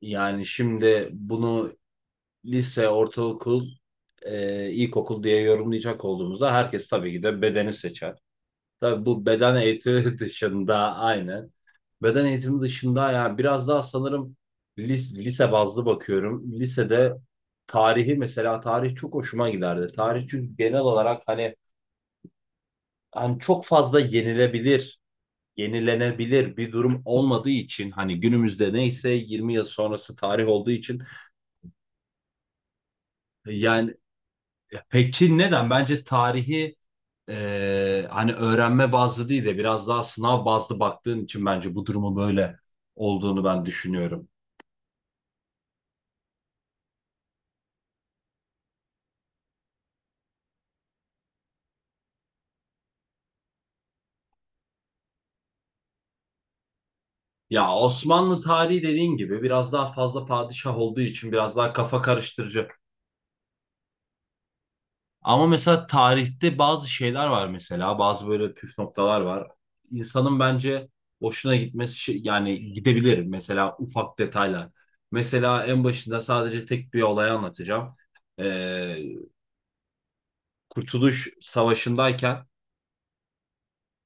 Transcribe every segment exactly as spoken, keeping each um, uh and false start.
Yani şimdi bunu lise, ortaokul, e, ilkokul diye yorumlayacak olduğumuzda herkes tabii ki de bedeni seçer. Tabii bu beden eğitimi dışında aynen. Beden eğitimi dışında yani biraz daha sanırım lis- lise bazlı bakıyorum. Lisede tarihi mesela tarih çok hoşuma giderdi. Tarih çünkü genel olarak hani hani çok fazla yenilebilir, yenilenebilir bir durum olmadığı için hani günümüzde neyse yirmi yıl sonrası tarih olduğu için yani. Peki neden? Bence tarihi e, hani öğrenme bazlı değil de biraz daha sınav bazlı baktığın için bence bu durumu böyle olduğunu ben düşünüyorum. Ya Osmanlı tarihi dediğin gibi biraz daha fazla padişah olduğu için biraz daha kafa karıştırıcı. Ama mesela tarihte bazı şeyler var, mesela bazı böyle püf noktalar var. İnsanın bence hoşuna gitmesi şey- yani gidebilir, mesela ufak detaylar. Mesela en başında sadece tek bir olay anlatacağım. Kurtuluş Savaşı'ndayken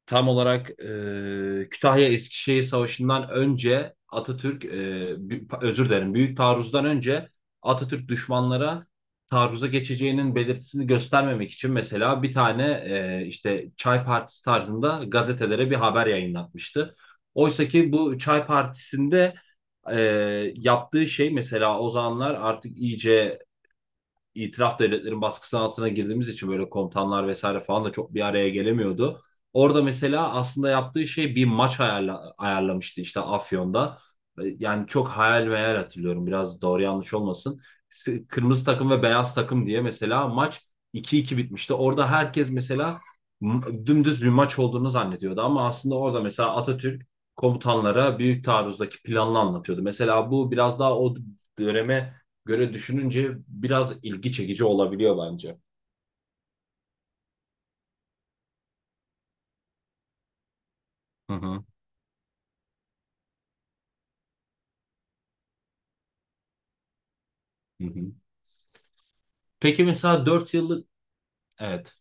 tam olarak e, Kütahya Eskişehir Savaşı'ndan önce Atatürk, e, özür dilerim, Büyük Taarruz'dan önce Atatürk düşmanlara taarruza geçeceğinin belirtisini göstermemek için mesela bir tane e, işte Çay Partisi tarzında gazetelere bir haber yayınlatmıştı. Oysa ki bu Çay Partisi'nde e, yaptığı şey mesela, o zamanlar artık iyice itilaf devletlerin baskısı altına girdiğimiz için böyle komutanlar vesaire falan da çok bir araya gelemiyordu. Orada mesela aslında yaptığı şey bir maç ayarla, ayarlamıştı işte Afyon'da. E, Yani çok hayal meyal hatırlıyorum, biraz doğru yanlış olmasın. Kırmızı takım ve beyaz takım diye mesela maç iki iki bitmişti. Orada herkes mesela dümdüz bir maç olduğunu zannediyordu ama aslında orada mesela Atatürk komutanlara büyük taarruzdaki planını anlatıyordu. Mesela bu biraz daha o döneme göre düşününce biraz ilgi çekici olabiliyor bence. Hı hı. Hı hı. Peki mesela dört yıllık, evet,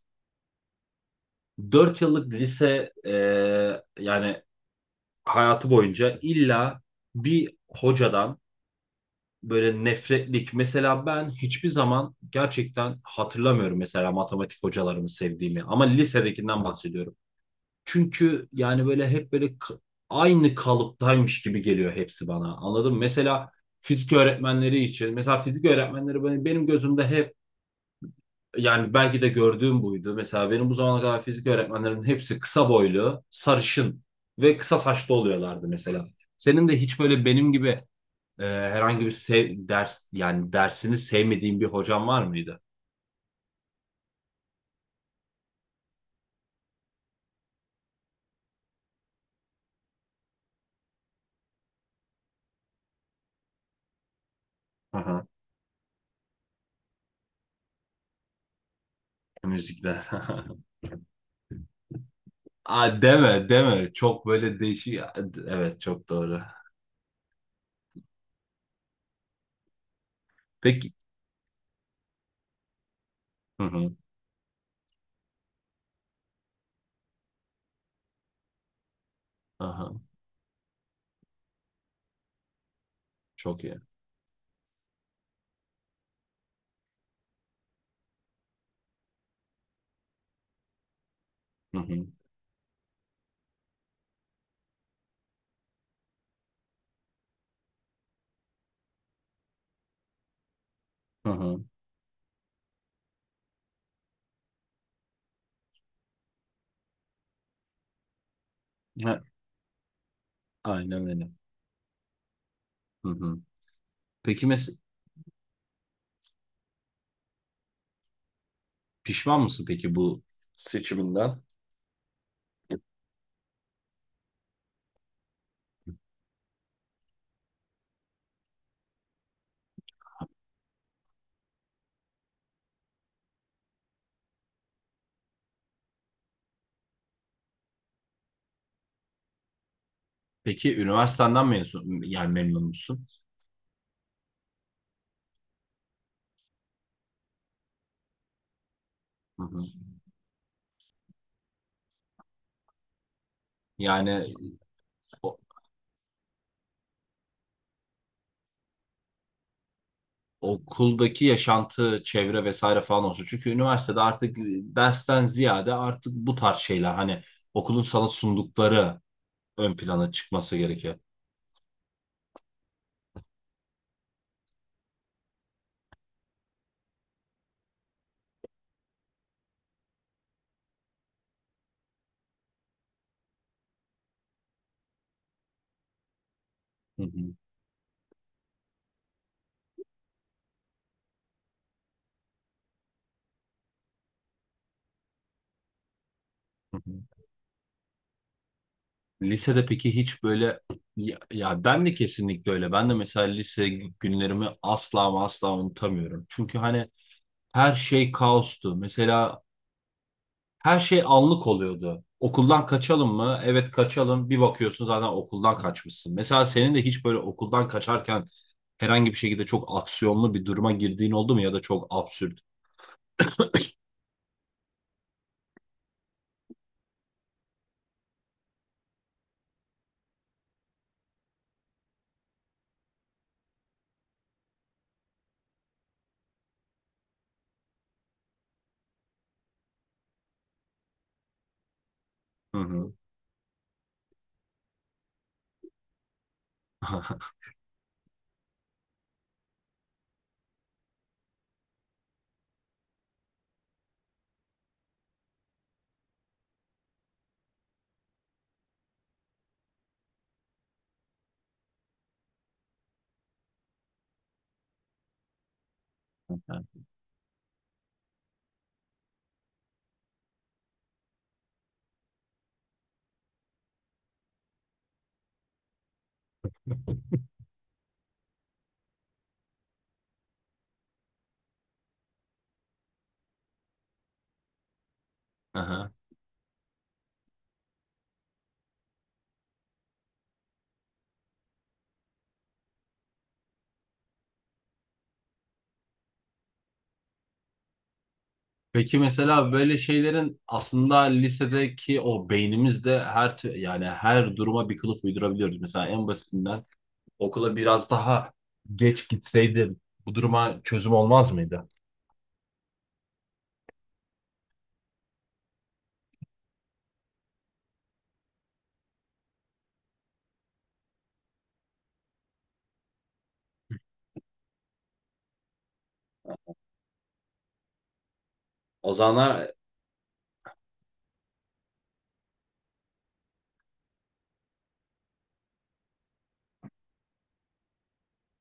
dört yıllık lise, e, yani hayatı boyunca illa bir hocadan böyle nefretlik, mesela ben hiçbir zaman gerçekten hatırlamıyorum mesela matematik hocalarımı sevdiğimi, ama lisedekinden bahsediyorum. Çünkü yani böyle hep böyle k- aynı kalıptaymış gibi geliyor hepsi bana. Anladın mı? Mesela fizik öğretmenleri için. Mesela fizik öğretmenleri benim, benim gözümde hep, yani belki de gördüğüm buydu. Mesela benim bu zamana kadar fizik öğretmenlerinin hepsi kısa boylu, sarışın ve kısa saçlı oluyorlardı mesela. Senin de hiç böyle benim gibi, e, herhangi bir sev- ders, yani dersini sevmediğin bir hocan var mıydı? Aha, müzikler. Aa, deme deme. Çok böyle değişik. Evet, çok doğru. Peki. Hı hı. Aha, çok iyi. Hı hı. Hı hı. Ha, aynen öyle. Hı hı. Peki mes pişman mısın peki bu seçiminden? Peki üniversitenden mezun, yani memnun musun? Hı hı. Yani o- okuldaki yaşantı, çevre vesaire falan olsun. Çünkü üniversitede artık dersten ziyade artık bu tarz şeyler, hani okulun sana sundukları ön plana çıkması gerekiyor. Hı hı. Hı hı. Lisede peki hiç böyle ya, ya ben de kesinlikle öyle. Ben de mesela lise günlerimi asla ama asla unutamıyorum. Çünkü hani her şey kaostu. Mesela her şey anlık oluyordu. Okuldan kaçalım mı? Evet, kaçalım. Bir bakıyorsun zaten okuldan kaçmışsın. Mesela senin de hiç böyle okuldan kaçarken herhangi bir şekilde çok aksiyonlu bir duruma girdiğin oldu mu, ya da çok absürt? Hı hı. Aha. Peki mesela böyle şeylerin aslında lisedeki o beynimizde her tü- yani her duruma bir kılıf uydurabiliyoruz. Mesela en basitinden okula biraz daha geç gitseydim bu duruma çözüm olmaz mıydı? O zamanlar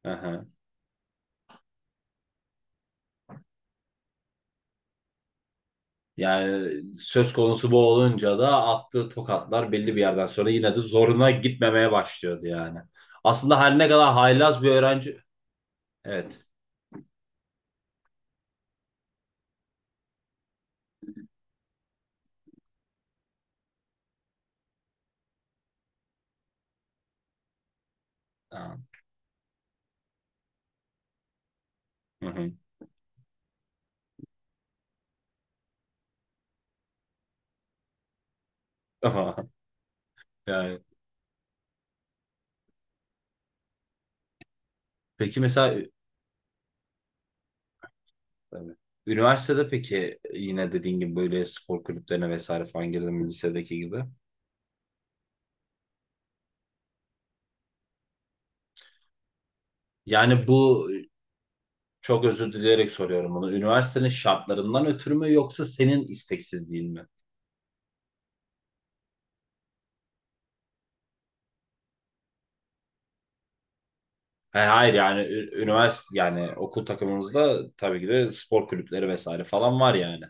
aha. Yani söz konusu bu olunca da attığı tokatlar belli bir yerden sonra yine de zoruna gitmemeye başlıyordu yani. Aslında her ne kadar haylaz bir öğrenci. Evet. Tamam. Hı hı. Yani peki mesela. Tabii. Üniversitede peki e, yine dediğin gibi böyle spor kulüplerine vesaire falan girdin mi lisedeki gibi? Yani bu çok özür dileyerek soruyorum bunu. Üniversitenin şartlarından ötürü mü yoksa senin isteksizliğin mi? Ha, hayır, yani ü- üniversite, yani okul takımımızda tabii ki de spor kulüpleri vesaire falan var yani.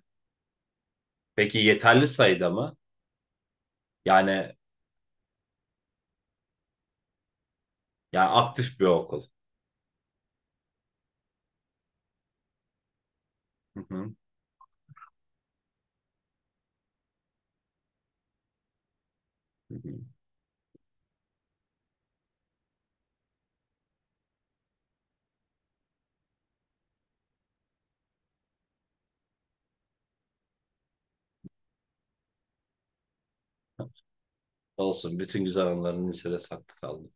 Peki yeterli sayıda mı? Yani, yani aktif bir okul. Hı hı, hı hı. Olsun, bütün güzel anıların lisede saklı kaldı.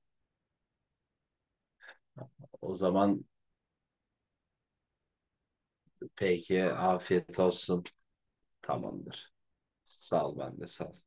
O zaman peki afiyet olsun. Tamamdır. Sağ ol, ben de sağ ol.